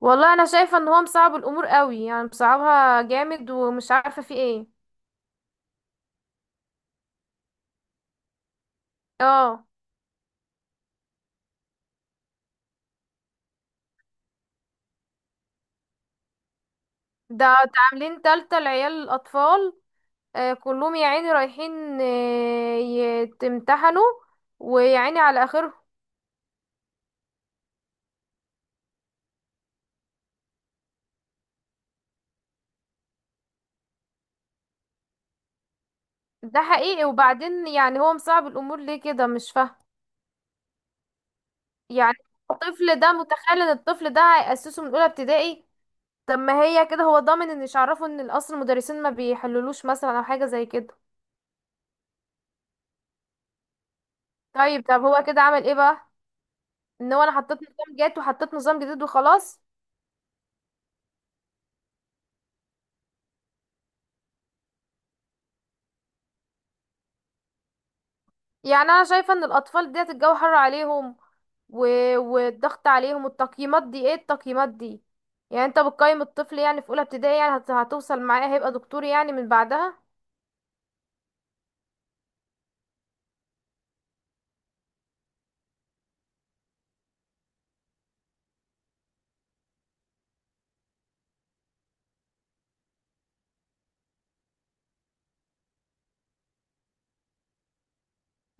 والله انا شايفه ان هو مصعب الامور قوي، يعني مصعبها جامد ومش عارفه في ايه. اه. ده عاملين تالتة لعيال الاطفال. آه، كلهم يا عيني رايحين يتمتحنوا، ويا عيني على اخرهم. ده حقيقي. وبعدين يعني هو مصعب الامور ليه كده؟ مش فاهمه يعني. الطفل ده متخيل ان الطفل ده هيأسسه من اولى ابتدائي؟ طب ما هي كده هو ضامن، ان مش عارفه ان الاصل المدرسين ما بيحللوش مثلا او حاجه زي كده. طيب، طب هو كده عمل ايه بقى؟ ان هو، انا حطيت نظام جات وحطيت نظام جديد وخلاص. يعني انا شايفه ان الاطفال ديت الجو حر عليهم، و... والضغط عليهم، والتقييمات دي. ايه التقييمات دي؟ يعني انت بتقيم الطفل يعني في اولى ابتدائي؟ يعني هتوصل معاه هيبقى دكتور يعني من بعدها؟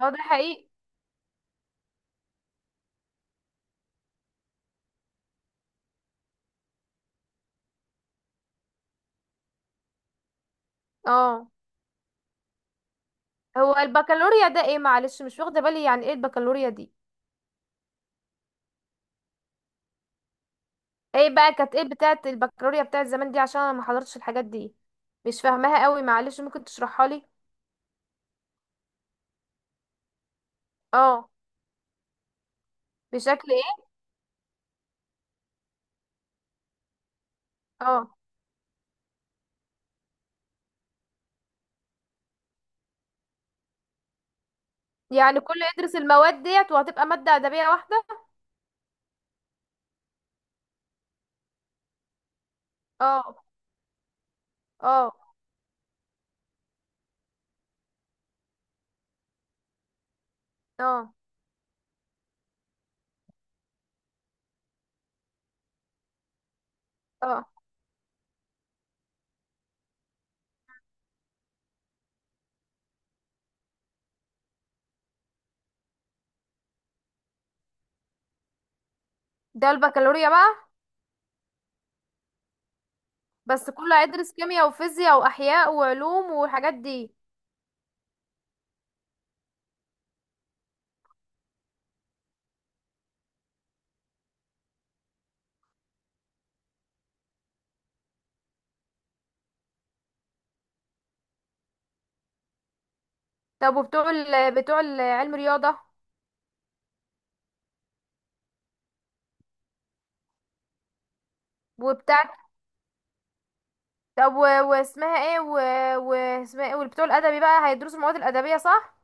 هو ده حقيقي. اه. هو البكالوريا ده ايه؟ معلش، مش واخده بالي. يعني ايه البكالوريا دي؟ ايه بقى كانت، ايه بتاعه البكالوريا بتاعه زمان دي؟ عشان انا ما حضرتش الحاجات دي، مش فاهماها قوي. معلش، ممكن تشرحها لي. اه. بشكل ايه؟ اه. يعني كله يدرس المواد ديت، وهتبقى مادة أدبية واحدة؟ اه. اه. اه. اه. ده البكالوريا بقى؟ بس كله هيدرس كيمياء وفيزياء وأحياء وعلوم والحاجات دي؟ طب وبتوع ال علم رياضة؟ وبتاع، طب واسمها ايه واسمها ايه؟ والبتوع الأدبي بقى هيدرسوا المواد الأدبية، صح؟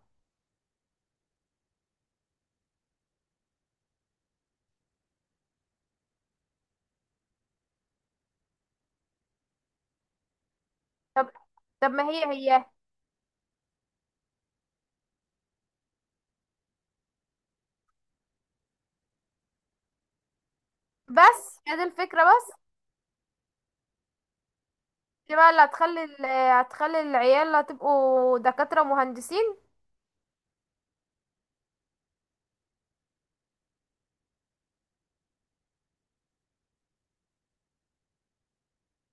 طب، ما هي هي. بس هي دي الفكرة بس؟ دي بقى اللي هتخلي العيال هتبقوا دكاترة مهندسين؟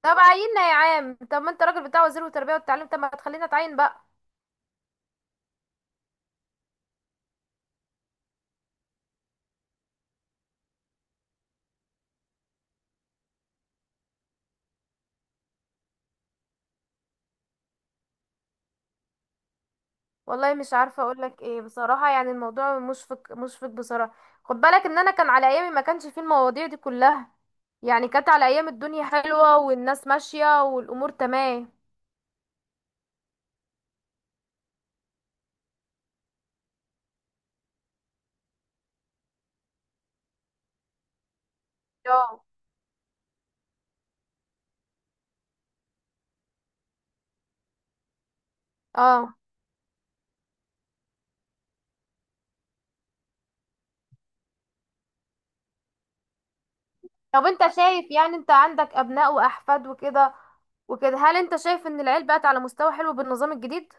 طب عيننا يا عام، طب ما انت راجل بتاع وزير التربيه والتعليم، طب ما تخلينا اتعين بقى. والله مش عارفه اقول لك ايه بصراحه، يعني الموضوع مشفق مشفق بصراحه. خد بالك ان انا كان على ايامي ما كانش فيه المواضيع دي كلها. يعني كانت على ايام الدنيا حلوه، والناس ماشيه، والامور تمام. اه. اه. طب انت شايف، يعني انت عندك ابناء واحفاد وكده وكده، هل انت شايف ان العيل بقت على مستوى حلو بالنظام الجديد؟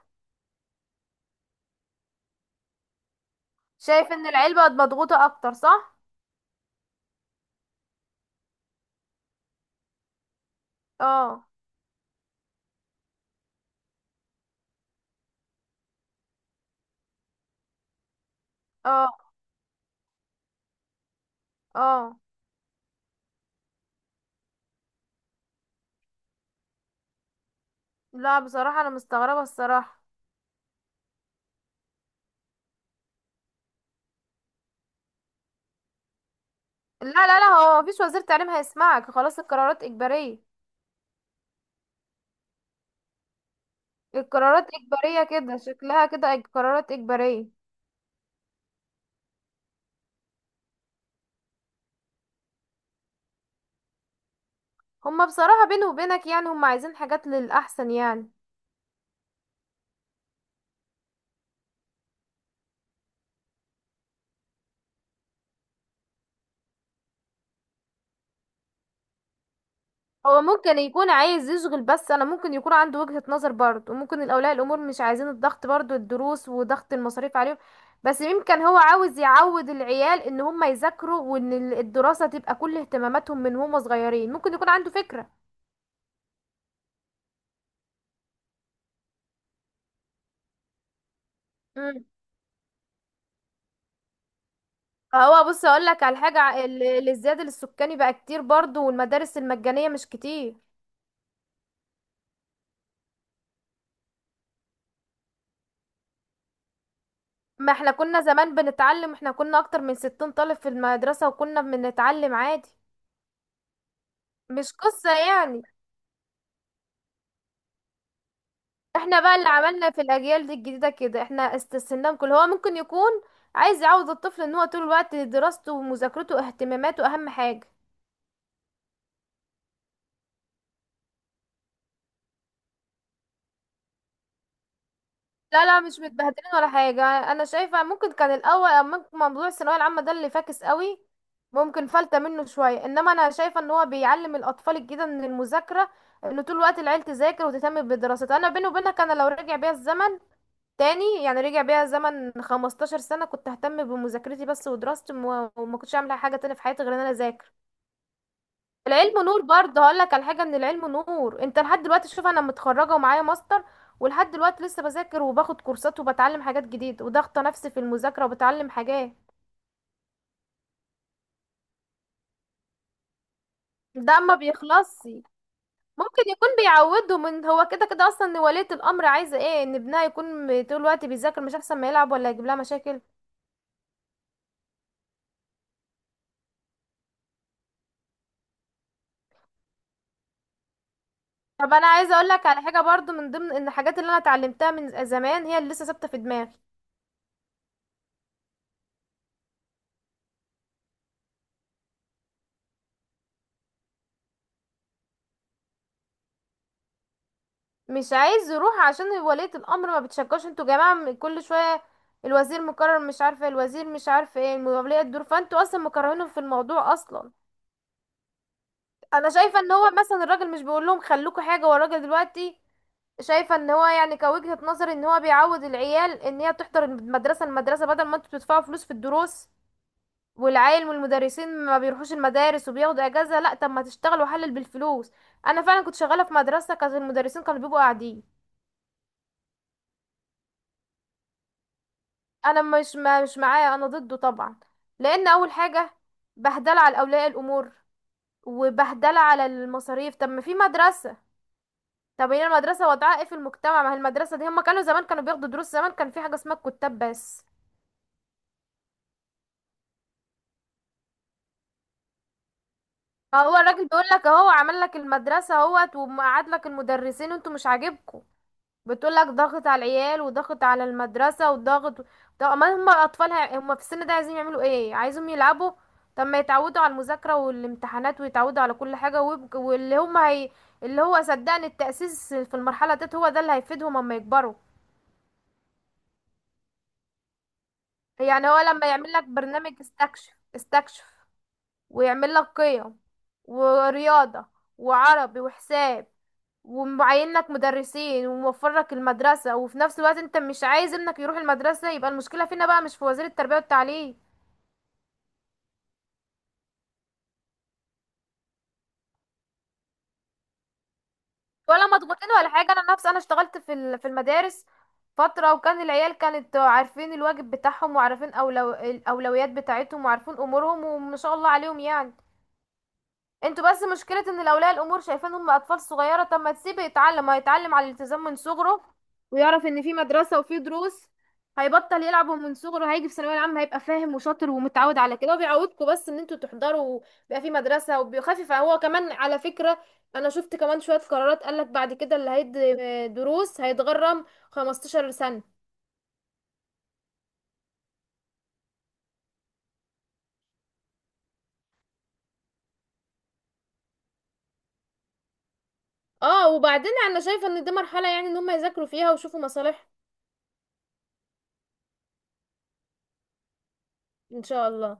شايف ان العيل بقت مضغوطه اكتر، صح؟ اه. اه. اه. لا بصراحة أنا مستغربة الصراحة. لا لا لا، هو مفيش وزير تعليم هيسمعك، خلاص القرارات إجبارية. القرارات إجبارية كده، شكلها كده قرارات إجبارية. هما بصراحة بيني وبينك، يعني هما عايزين حاجات للأحسن يعني. هو ممكن يكون عايز يشغل، بس أنا ممكن يكون عنده وجهة نظر برضه، وممكن الأولياء الأمور مش عايزين الضغط برضه، الدروس وضغط المصاريف عليهم. بس يمكن هو عاوز يعود العيال إن هما يذاكروا، وإن الدراسة تبقى كل اهتماماتهم من هما صغيرين. ممكن يكون عنده فكرة. هو بص اقول لك على حاجه، الازدياد السكاني بقى كتير برضو، والمدارس المجانيه مش كتير. ما احنا كنا زمان بنتعلم، احنا كنا اكتر من 60 طالب في المدرسه وكنا بنتعلم عادي. مش قصه يعني. احنا بقى اللي عملنا في الاجيال دي الجديده كده، احنا استسهلنا. كل هو ممكن يكون عايز يعود الطفل ان هو طول الوقت دراسته ومذاكرته واهتماماته اهم حاجه. لا لا، مش متبهدلين ولا حاجة. أنا شايفة ممكن كان الأول أما، ممكن موضوع الثانوية العامة ده اللي فاكس قوي، ممكن فلتة منه شوية. إنما أنا شايفة إن هو بيعلم الأطفال الجديدة من المذاكرة، إن طول الوقت العيل تذاكر وتهتم بدراستها. أنا بيني وبينك، أنا لو رجع بيا الزمن تاني، يعني رجع بيا الزمن 15 سنة، كنت ههتم بمذاكرتي بس ودراستي، وما كنتش أعمل حاجة تانية في حياتي غير إن أنا أذاكر. العلم نور برضه. هقول لك على حاجه، ان العلم نور. انت لحد دلوقتي، شوف انا متخرجه ومعايا ماستر، ولحد دلوقتي لسه بذاكر وباخد كورسات وبتعلم حاجات جديده وضغطه نفسي في المذاكره وبتعلم حاجات. ده ما بيخلصش. ممكن يكون بيعوده من هو كده كده اصلا. ان ولية الامر عايزه ايه؟ ان ابنها يكون طول الوقت بيذاكر، مش احسن ما يلعب ولا يجيب لها مشاكل؟ طب انا عايزه اقول لك على حاجه برضو، من ضمن ان الحاجات اللي انا اتعلمتها من زمان هي اللي لسه ثابته في دماغي. مش عايز يروح عشان ولية الأمر ما بتشجعش. انتوا يا جماعة كل شوية الوزير مكرر، مش عارفة الوزير، مش عارفة ايه ولية الدور، فانتوا اصلا مكرهينه في الموضوع اصلا. انا شايفة ان هو مثلا الراجل مش بيقول لهم خلوكوا حاجة، والراجل دلوقتي شايفة ان هو يعني كوجهة نظر ان هو بيعود العيال ان هي تحضر المدرسة المدرسة، بدل ما انتوا بتدفعوا فلوس في الدروس، والعيال والمدرسين ما بيروحوش المدارس وبياخدوا اجازة. لا طب ما تشتغل وحلل بالفلوس. انا فعلا كنت شغالة في مدرسة، كانت المدرسين كانوا بيبقوا قاعدين. انا مش، ما مش معاه، انا ضده طبعا. لان اول حاجه بهدله على اولياء الامور، وبهدله على المصاريف. طب ما في مدرسه، طب هي المدرسه وضعها ايه في المجتمع؟ ما هي المدرسه دي، هم كانوا زمان كانوا بياخدوا دروس؟ زمان كان في حاجه اسمها الكتاب بس. فهو الراجل بيقول لك، اهو عمل لك المدرسه اهوت، ومقعد لك المدرسين، وانتوا مش عاجبكم؟ بتقولك ضغط على العيال، وضغط على المدرسة، وضغط. طب ما هم أطفالها، هم في السن ده عايزين يعملوا ايه؟ عايزهم يلعبوا؟ طب ما يتعودوا على المذاكرة والامتحانات، ويتعودوا على كل حاجة، اللي هو صدقني التأسيس في المرحلة ديت، هو ده اللي هيفيدهم اما يكبروا. يعني هو لما يعمل لك برنامج استكشف استكشف، ويعمل لك قيم، ورياضة، وعربي، وحساب، ومعين لك مدرسين، وموفر لك المدرسة، وفي نفس الوقت انت مش عايز ابنك يروح المدرسة، يبقى المشكلة فينا بقى مش في وزير التربية والتعليم. ولا مضغوطين ولا حاجة. انا نفسي انا اشتغلت في المدارس فترة، وكان العيال كانت عارفين الواجب بتاعهم، وعارفين الأولويات بتاعتهم، وعارفين أمورهم، وما شاء الله عليهم يعني. انتوا بس مشكلة ان الاولياء الامور شايفين هم اطفال صغيرة. طب ما تسيبه يتعلم، هيتعلم على الالتزام من صغره، ويعرف ان في مدرسة وفي دروس، هيبطل يلعبوا من صغره، هيجي في ثانوية عامة هيبقى فاهم وشاطر ومتعود على كده. وبيعودكم بس ان انتوا تحضروا، بيبقى في مدرسة، وبيخفف هو كمان على فكرة. انا شفت كمان شوية قرارات قالك بعد كده اللي هيدي دروس هيتغرم 15 سنة. اه. وبعدين انا شايفة ان دي مرحلة يعني ان هم يذاكروا فيها ويشوفوا مصالح. ان شاء الله.